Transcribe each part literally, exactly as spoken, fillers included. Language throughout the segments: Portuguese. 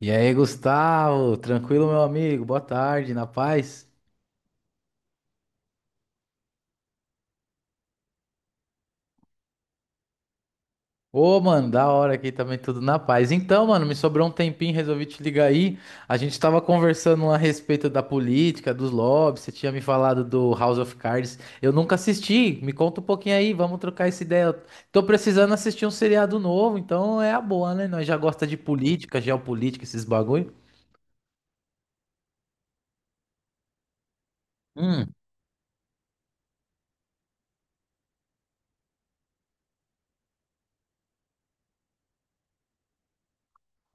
E aí, Gustavo, tranquilo, meu amigo? Boa tarde, na paz? Ô, mano, da hora aqui também, tudo na paz. Então, mano, me sobrou um tempinho, resolvi te ligar aí. A gente tava conversando a respeito da política, dos lobbies, você tinha me falado do House of Cards. Eu nunca assisti, me conta um pouquinho aí, vamos trocar essa ideia. Eu tô precisando assistir um seriado novo, então é a boa, né? Nós já gosta de política, geopolítica, esses bagulho. Hum.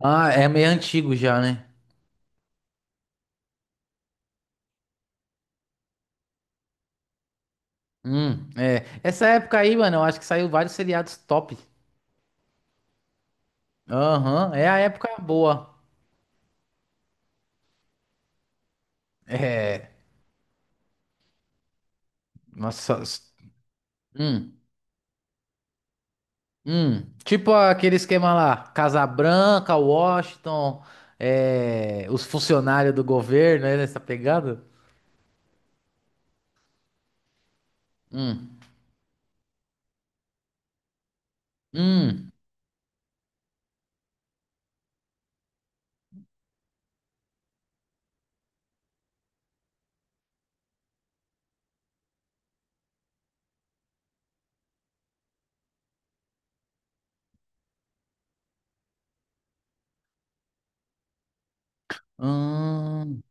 Ah, é meio antigo já, né? Hum, é. Essa época aí, mano, eu acho que saiu vários seriados top. Aham, é a época boa. É, nossa. s- Hum, hum. Tipo aquele esquema lá, Casa Branca, Washington, é, os funcionários do governo, né, nessa pegada? Hum, hum, hum.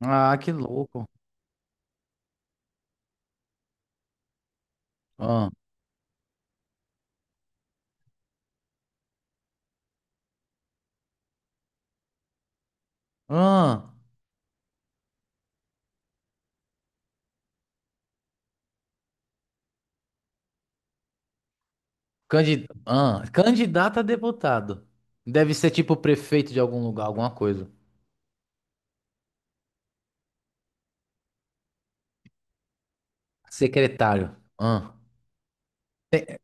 Ah, que louco. Ah, ah, candi ah, candidato a deputado. Deve ser tipo prefeito de algum lugar, alguma coisa. Secretário. Ah, Te-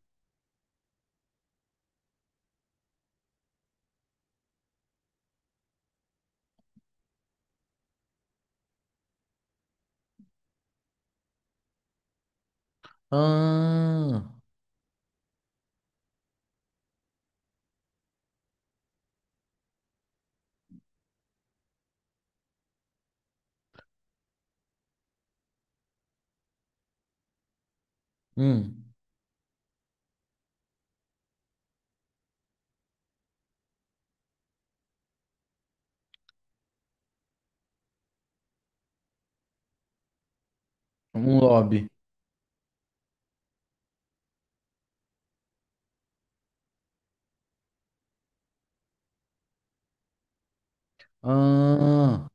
ah, hum, um lobby. Ah,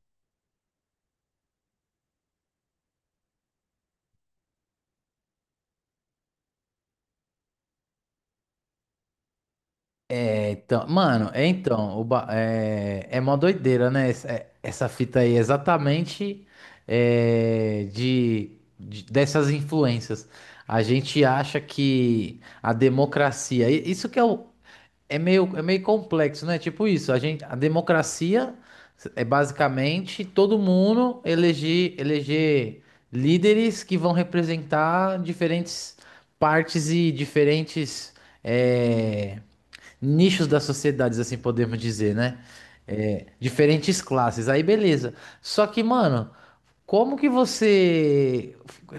é, então, mano, é então, o ba- é, é mó doideira, né? Essa, é- essa fita aí, exatamente é, de, de- dessas influências. A gente acha que a democracia, e- isso que é o, é meio, é meio complexo, né? Tipo isso, a gente, a democracia é basicamente todo mundo eleger, eleger líderes que vão representar diferentes partes e diferentes é, nichos das sociedades assim podemos dizer, né? É, diferentes classes. Aí beleza. Só que, mano, como que você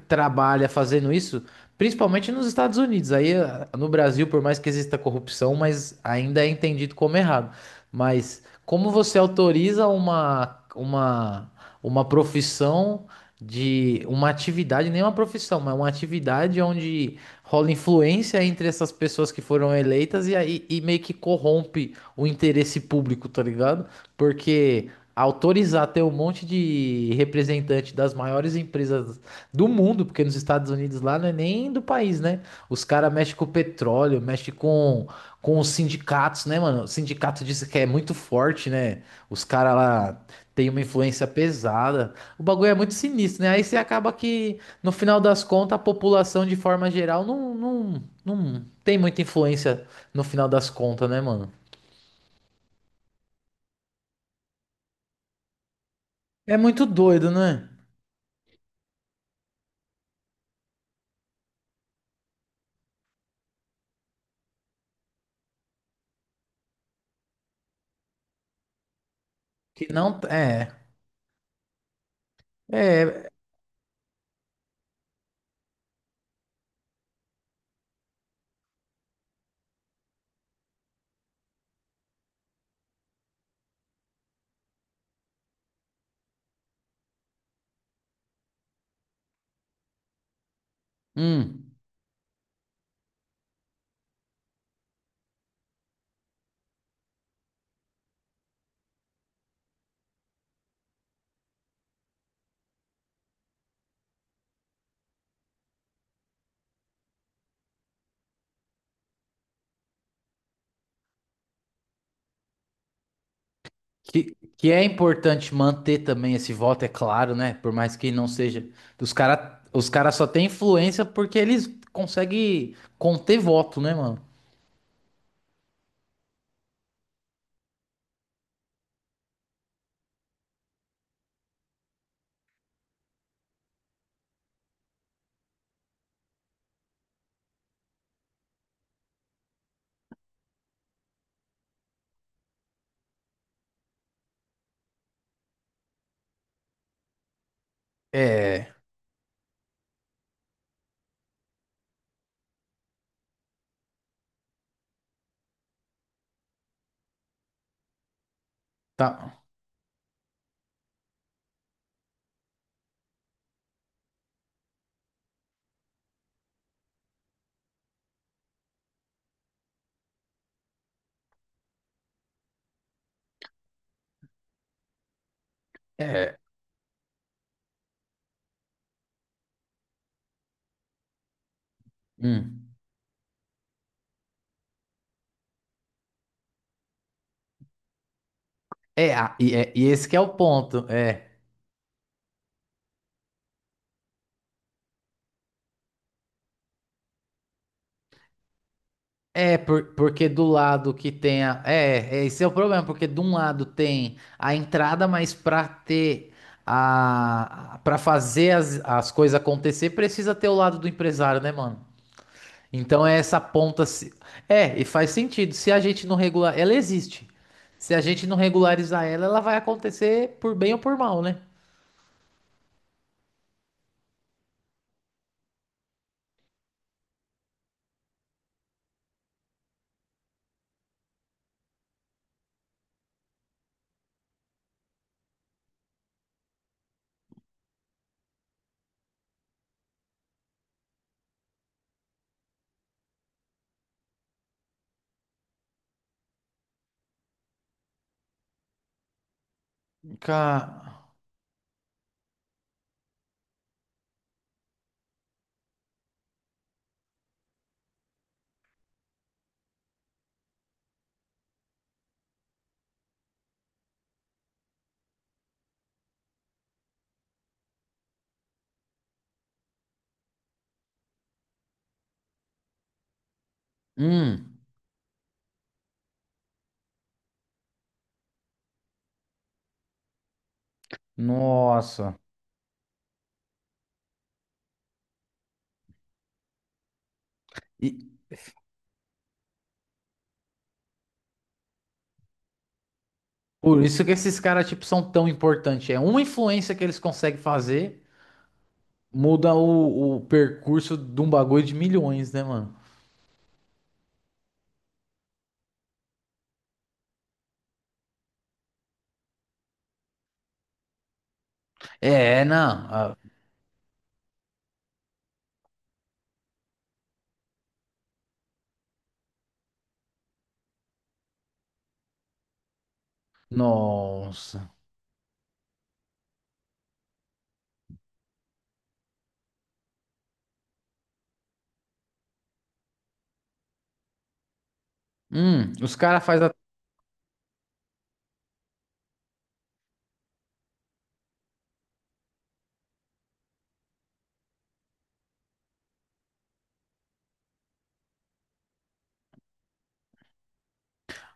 trabalha fazendo isso? Principalmente nos Estados Unidos. Aí eh, no Brasil, por mais que exista corrupção, mas ainda é entendido como errado. Mas como você autoriza uma, uma, uma profissão de uma atividade, nem uma profissão, mas uma atividade onde rola influência entre essas pessoas que foram eleitas e aí e meio que corrompe o interesse público, tá ligado? Porque autorizar ter um monte de representante das maiores empresas do mundo, porque nos Estados Unidos lá não é nem do país, né? Os caras mexem com petróleo, mexem com, com os sindicatos, né, mano? O sindicato diz que é muito forte, né? Os caras lá têm uma influência pesada. O bagulho é muito sinistro, né? Aí você acaba que, no final das contas, a população, de forma geral, não, não, não tem muita influência no final das contas, né, mano? É muito doido, né? Que não. É. É, hum, que, que é importante manter também esse voto, é claro, né? Por mais que não seja. Os cara, os cara só têm influência porque eles conseguem conter voto, né, mano? É, tá. É. Hum. É, a- e, é, e esse que é o ponto. É. É, por- porque do lado que tem a. É, é, esse é o problema, porque de um lado tem a entrada, mas pra ter. A, pra fazer as, as coisas acontecer, precisa ter o lado do empresário, né, mano? Então é essa ponta. se- É, e faz sentido. Se a gente não regular. Ela existe. Se a gente não regularizar ela, ela vai acontecer por bem ou por mal, né? Cara, hum. Nossa. E por isso que esses caras, tipo, são tão importantes. É uma influência que eles conseguem fazer, muda o, o percurso de um bagulho de milhões, né, mano? É, não. Ah, nossa. Hum, os caras fazem a.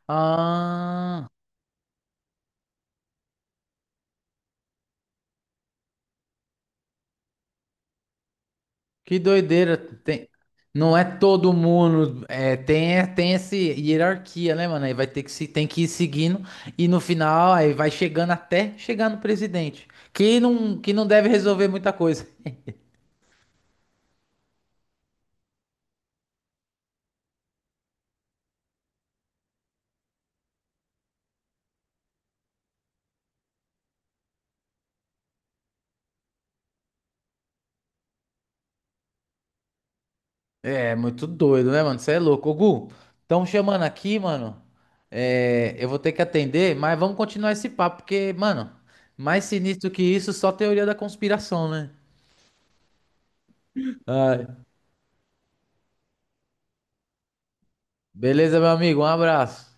Ah. Que doideira. Tem... Não é todo mundo. É, tem, é- tem essa hierarquia, né, mano? Aí vai ter que se, tem que ir seguindo e no final aí vai chegando até chegar no presidente. Que não, que não deve resolver muita coisa. É muito doido, né, mano? Você é louco. Ô, Gu, estão chamando aqui, mano. É, eu vou ter que atender, mas vamos continuar esse papo, porque, mano, mais sinistro que isso, só teoria da conspiração, né? Ai. Beleza, meu amigo? Um abraço.